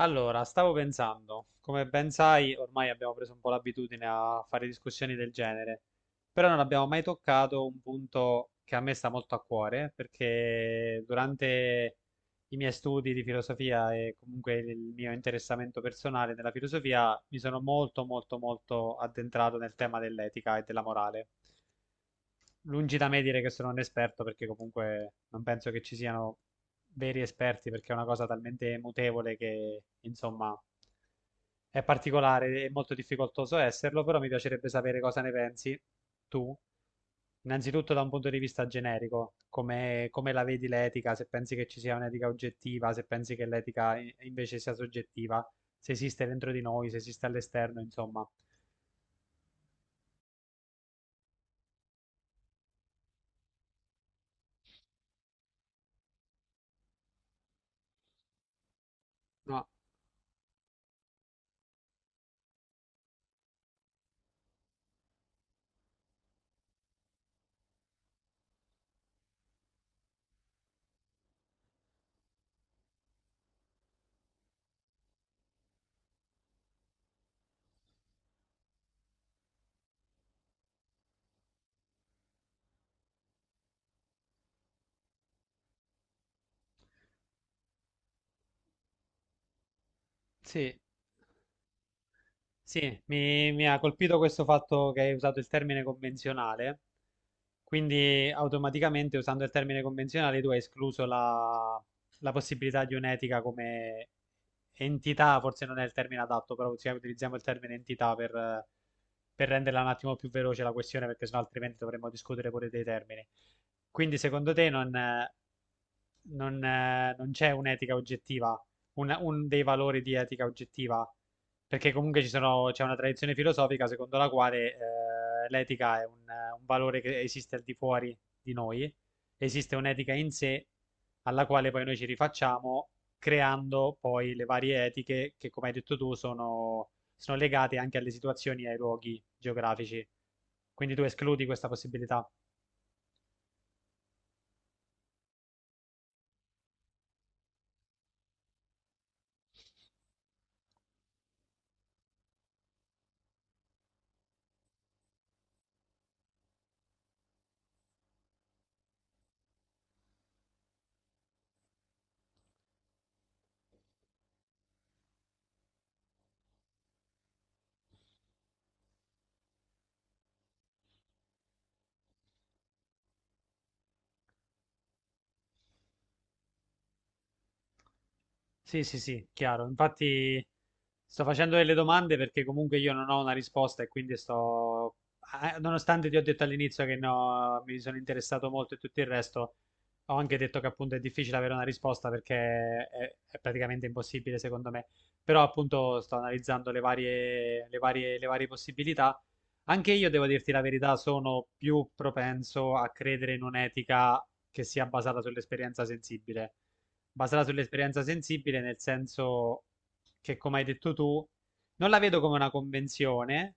Allora, stavo pensando, come ben sai, ormai abbiamo preso un po' l'abitudine a fare discussioni del genere, però non abbiamo mai toccato un punto che a me sta molto a cuore, perché durante i miei studi di filosofia e comunque il mio interessamento personale nella filosofia, mi sono molto, molto, molto addentrato nel tema dell'etica e della morale. Lungi da me dire che sono un esperto, perché comunque non penso che ci siano veri esperti, perché è una cosa talmente mutevole che, insomma, è particolare, è molto difficoltoso esserlo, però mi piacerebbe sapere cosa ne pensi tu, innanzitutto da un punto di vista generico, come la vedi l'etica, se pensi che ci sia un'etica oggettiva, se pensi che l'etica invece sia soggettiva, se esiste dentro di noi, se esiste all'esterno, insomma. No. Sì. Sì, mi ha colpito questo fatto che hai usato il termine convenzionale, quindi automaticamente usando il termine convenzionale tu hai escluso la possibilità di un'etica come entità, forse non è il termine adatto, però cioè, utilizziamo il termine entità per renderla un attimo più veloce la questione, perché sennò altrimenti dovremmo discutere pure dei termini. Quindi secondo te non c'è un'etica oggettiva, un dei valori di etica oggettiva? Perché comunque c'è una tradizione filosofica secondo la quale l'etica è un valore che esiste al di fuori di noi, esiste un'etica in sé alla quale poi noi ci rifacciamo creando poi le varie etiche che, come hai detto tu, sono legate anche alle situazioni e ai luoghi geografici. Quindi tu escludi questa possibilità. Sì, sì, sì, chiaro. Infatti sto facendo delle domande perché comunque io non ho una risposta e quindi sto, nonostante ti ho detto all'inizio che no, mi sono interessato molto e tutto il resto, ho anche detto che appunto è difficile avere una risposta perché è praticamente impossibile secondo me. Però appunto sto analizzando le varie possibilità. Anche io devo dirti la verità, sono più propenso a credere in un'etica che sia basata sull'esperienza sensibile, nel senso che, come hai detto tu, non la vedo come una convenzione,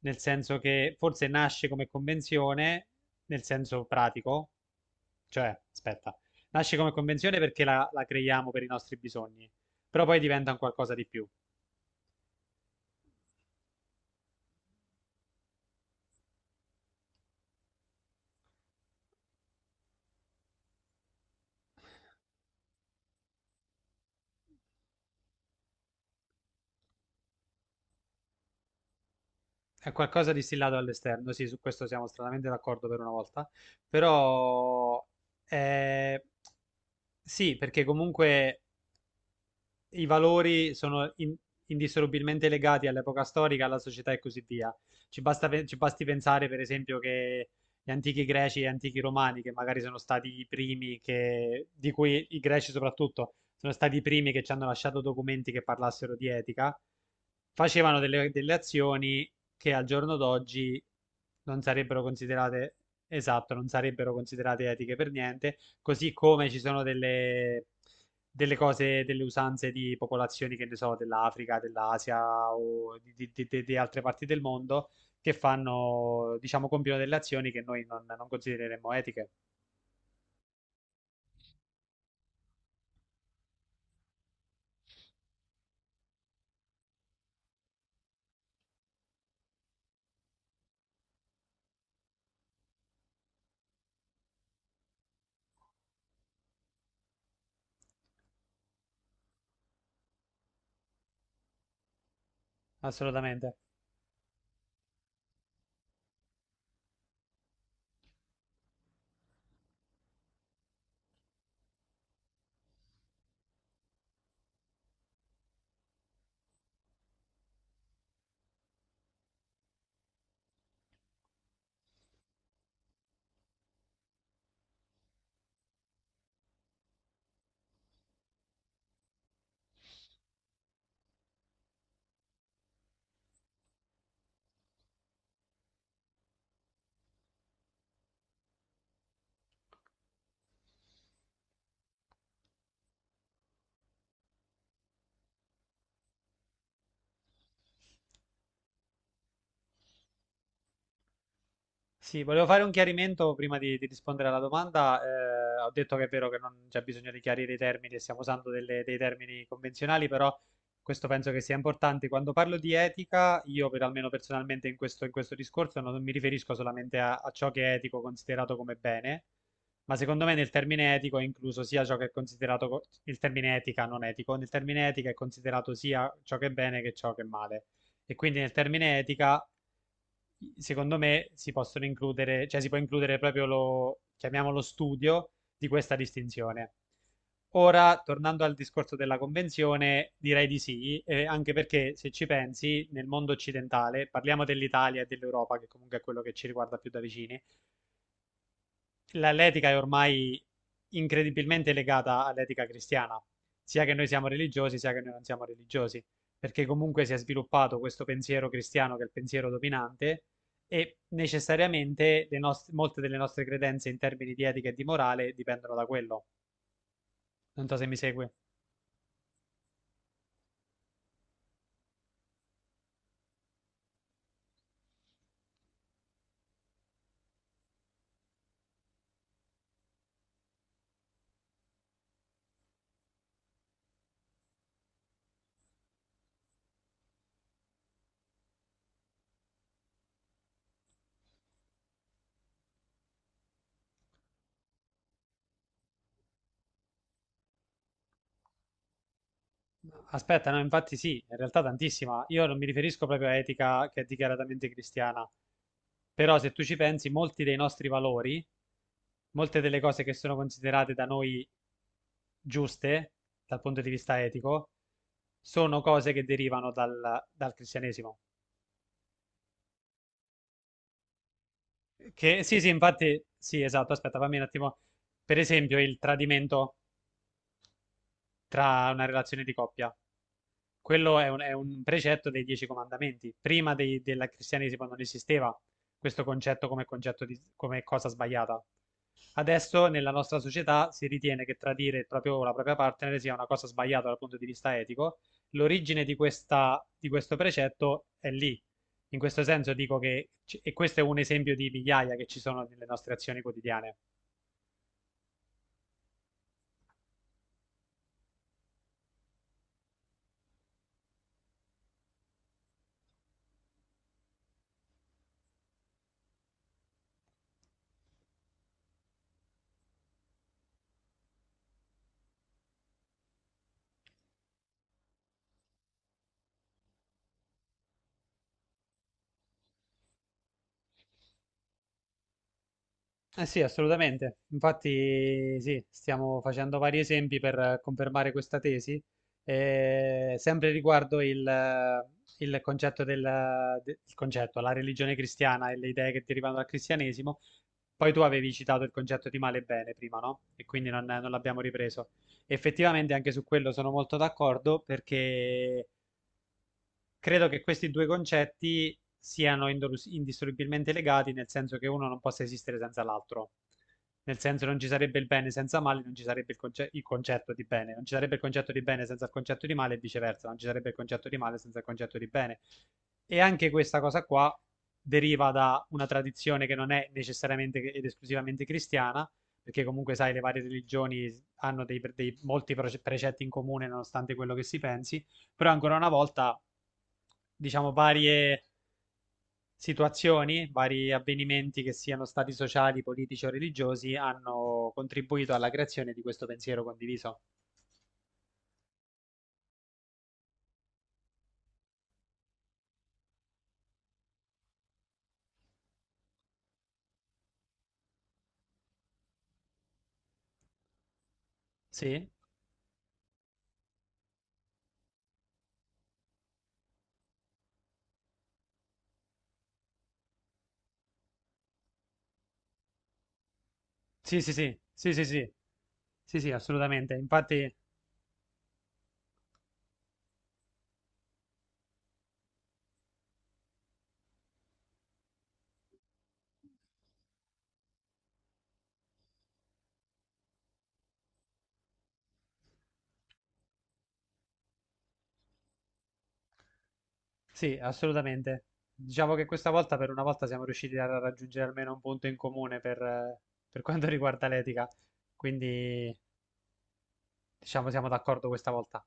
nel senso che forse nasce come convenzione, nel senso pratico, cioè, aspetta, nasce come convenzione perché la creiamo per i nostri bisogni, però poi diventa un qualcosa di più. È qualcosa distillato all'esterno, sì, su questo siamo stranamente d'accordo per una volta, però eh, sì, perché comunque i valori sono indissolubilmente legati all'epoca storica, alla società e così via. Ci basti pensare, per esempio, che gli antichi greci e gli antichi romani, che magari sono stati i primi che, di cui i greci soprattutto, sono stati i primi che ci hanno lasciato documenti che parlassero di etica, facevano delle azioni che al giorno d'oggi non sarebbero considerate, esatto, non sarebbero considerate etiche per niente, così come ci sono delle cose, delle usanze di popolazioni, che ne so, dell'Africa, dell'Asia o di altre parti del mondo che fanno, diciamo, compiono delle azioni che noi non considereremmo etiche, assolutamente. Sì, volevo fare un chiarimento prima di rispondere alla domanda. Ho detto che è vero che non c'è bisogno di chiarire i termini, e stiamo usando dei termini convenzionali, però questo penso che sia importante. Quando parlo di etica, io per almeno personalmente in questo discorso non mi riferisco solamente a ciò che è etico considerato come bene, ma secondo me nel termine etico è incluso sia ciò che è considerato, il termine etica non etico, nel termine etica è considerato sia ciò che è bene che ciò che è male. E quindi nel termine etica secondo me si possono includere, cioè si può includere proprio lo, chiamiamolo studio di questa distinzione. Ora, tornando al discorso della convenzione, direi di sì, anche perché se ci pensi, nel mondo occidentale, parliamo dell'Italia e dell'Europa, che comunque è quello che ci riguarda più da vicini, l'etica è ormai incredibilmente legata all'etica cristiana, sia che noi siamo religiosi, sia che noi non siamo religiosi, perché comunque si è sviluppato questo pensiero cristiano che è il pensiero dominante e necessariamente le molte delle nostre credenze in termini di etica e di morale dipendono da quello. Non so se mi segui. Aspetta, no, infatti sì, in realtà tantissima. Io non mi riferisco proprio a etica che è dichiaratamente cristiana, però se tu ci pensi, molti dei nostri valori, molte delle cose che sono considerate da noi giuste dal punto di vista etico, sono cose che derivano dal cristianesimo. Che sì, sì, infatti, sì, esatto. Aspetta, fammi un attimo. Per esempio, il tradimento tra una relazione di coppia. Quello è un precetto dei Dieci Comandamenti. Prima del cristianesimo non esisteva questo concetto come concetto di, come cosa sbagliata. Adesso nella nostra società si ritiene che tradire la propria partner sia una cosa sbagliata dal punto di vista etico. L'origine di questo precetto è lì. In questo senso dico che, e questo è un esempio di migliaia che ci sono nelle nostre azioni quotidiane. Eh sì, assolutamente. Infatti, sì, stiamo facendo vari esempi per confermare questa tesi, sempre riguardo il concetto, la religione cristiana e le idee che derivano dal cristianesimo. Poi tu avevi citato il concetto di male e bene prima, no? E quindi non l'abbiamo ripreso. Effettivamente anche su quello sono molto d'accordo perché credo che questi due concetti siano indissolubilmente legati, nel senso che uno non possa esistere senza l'altro. Nel senso non ci sarebbe il bene senza male, non ci sarebbe il concetto di bene, non ci sarebbe il concetto di bene senza il concetto di male e viceversa, non ci sarebbe il concetto di male senza il concetto di bene. E anche questa cosa qua deriva da una tradizione che non è necessariamente ed esclusivamente cristiana, perché comunque sai, le varie religioni hanno dei molti precetti in comune nonostante quello che si pensi, però ancora una volta, diciamo, varie situazioni, vari avvenimenti che siano stati sociali, politici o religiosi, hanno contribuito alla creazione di questo pensiero condiviso. Sì? Sì, sì, sì, sì, sì, sì, sì, sì, assolutamente. Infatti, sì, assolutamente. Diciamo che questa volta, per una volta, siamo riusciti a raggiungere almeno un punto in comune per quanto riguarda l'etica. Quindi, diciamo, siamo d'accordo questa volta.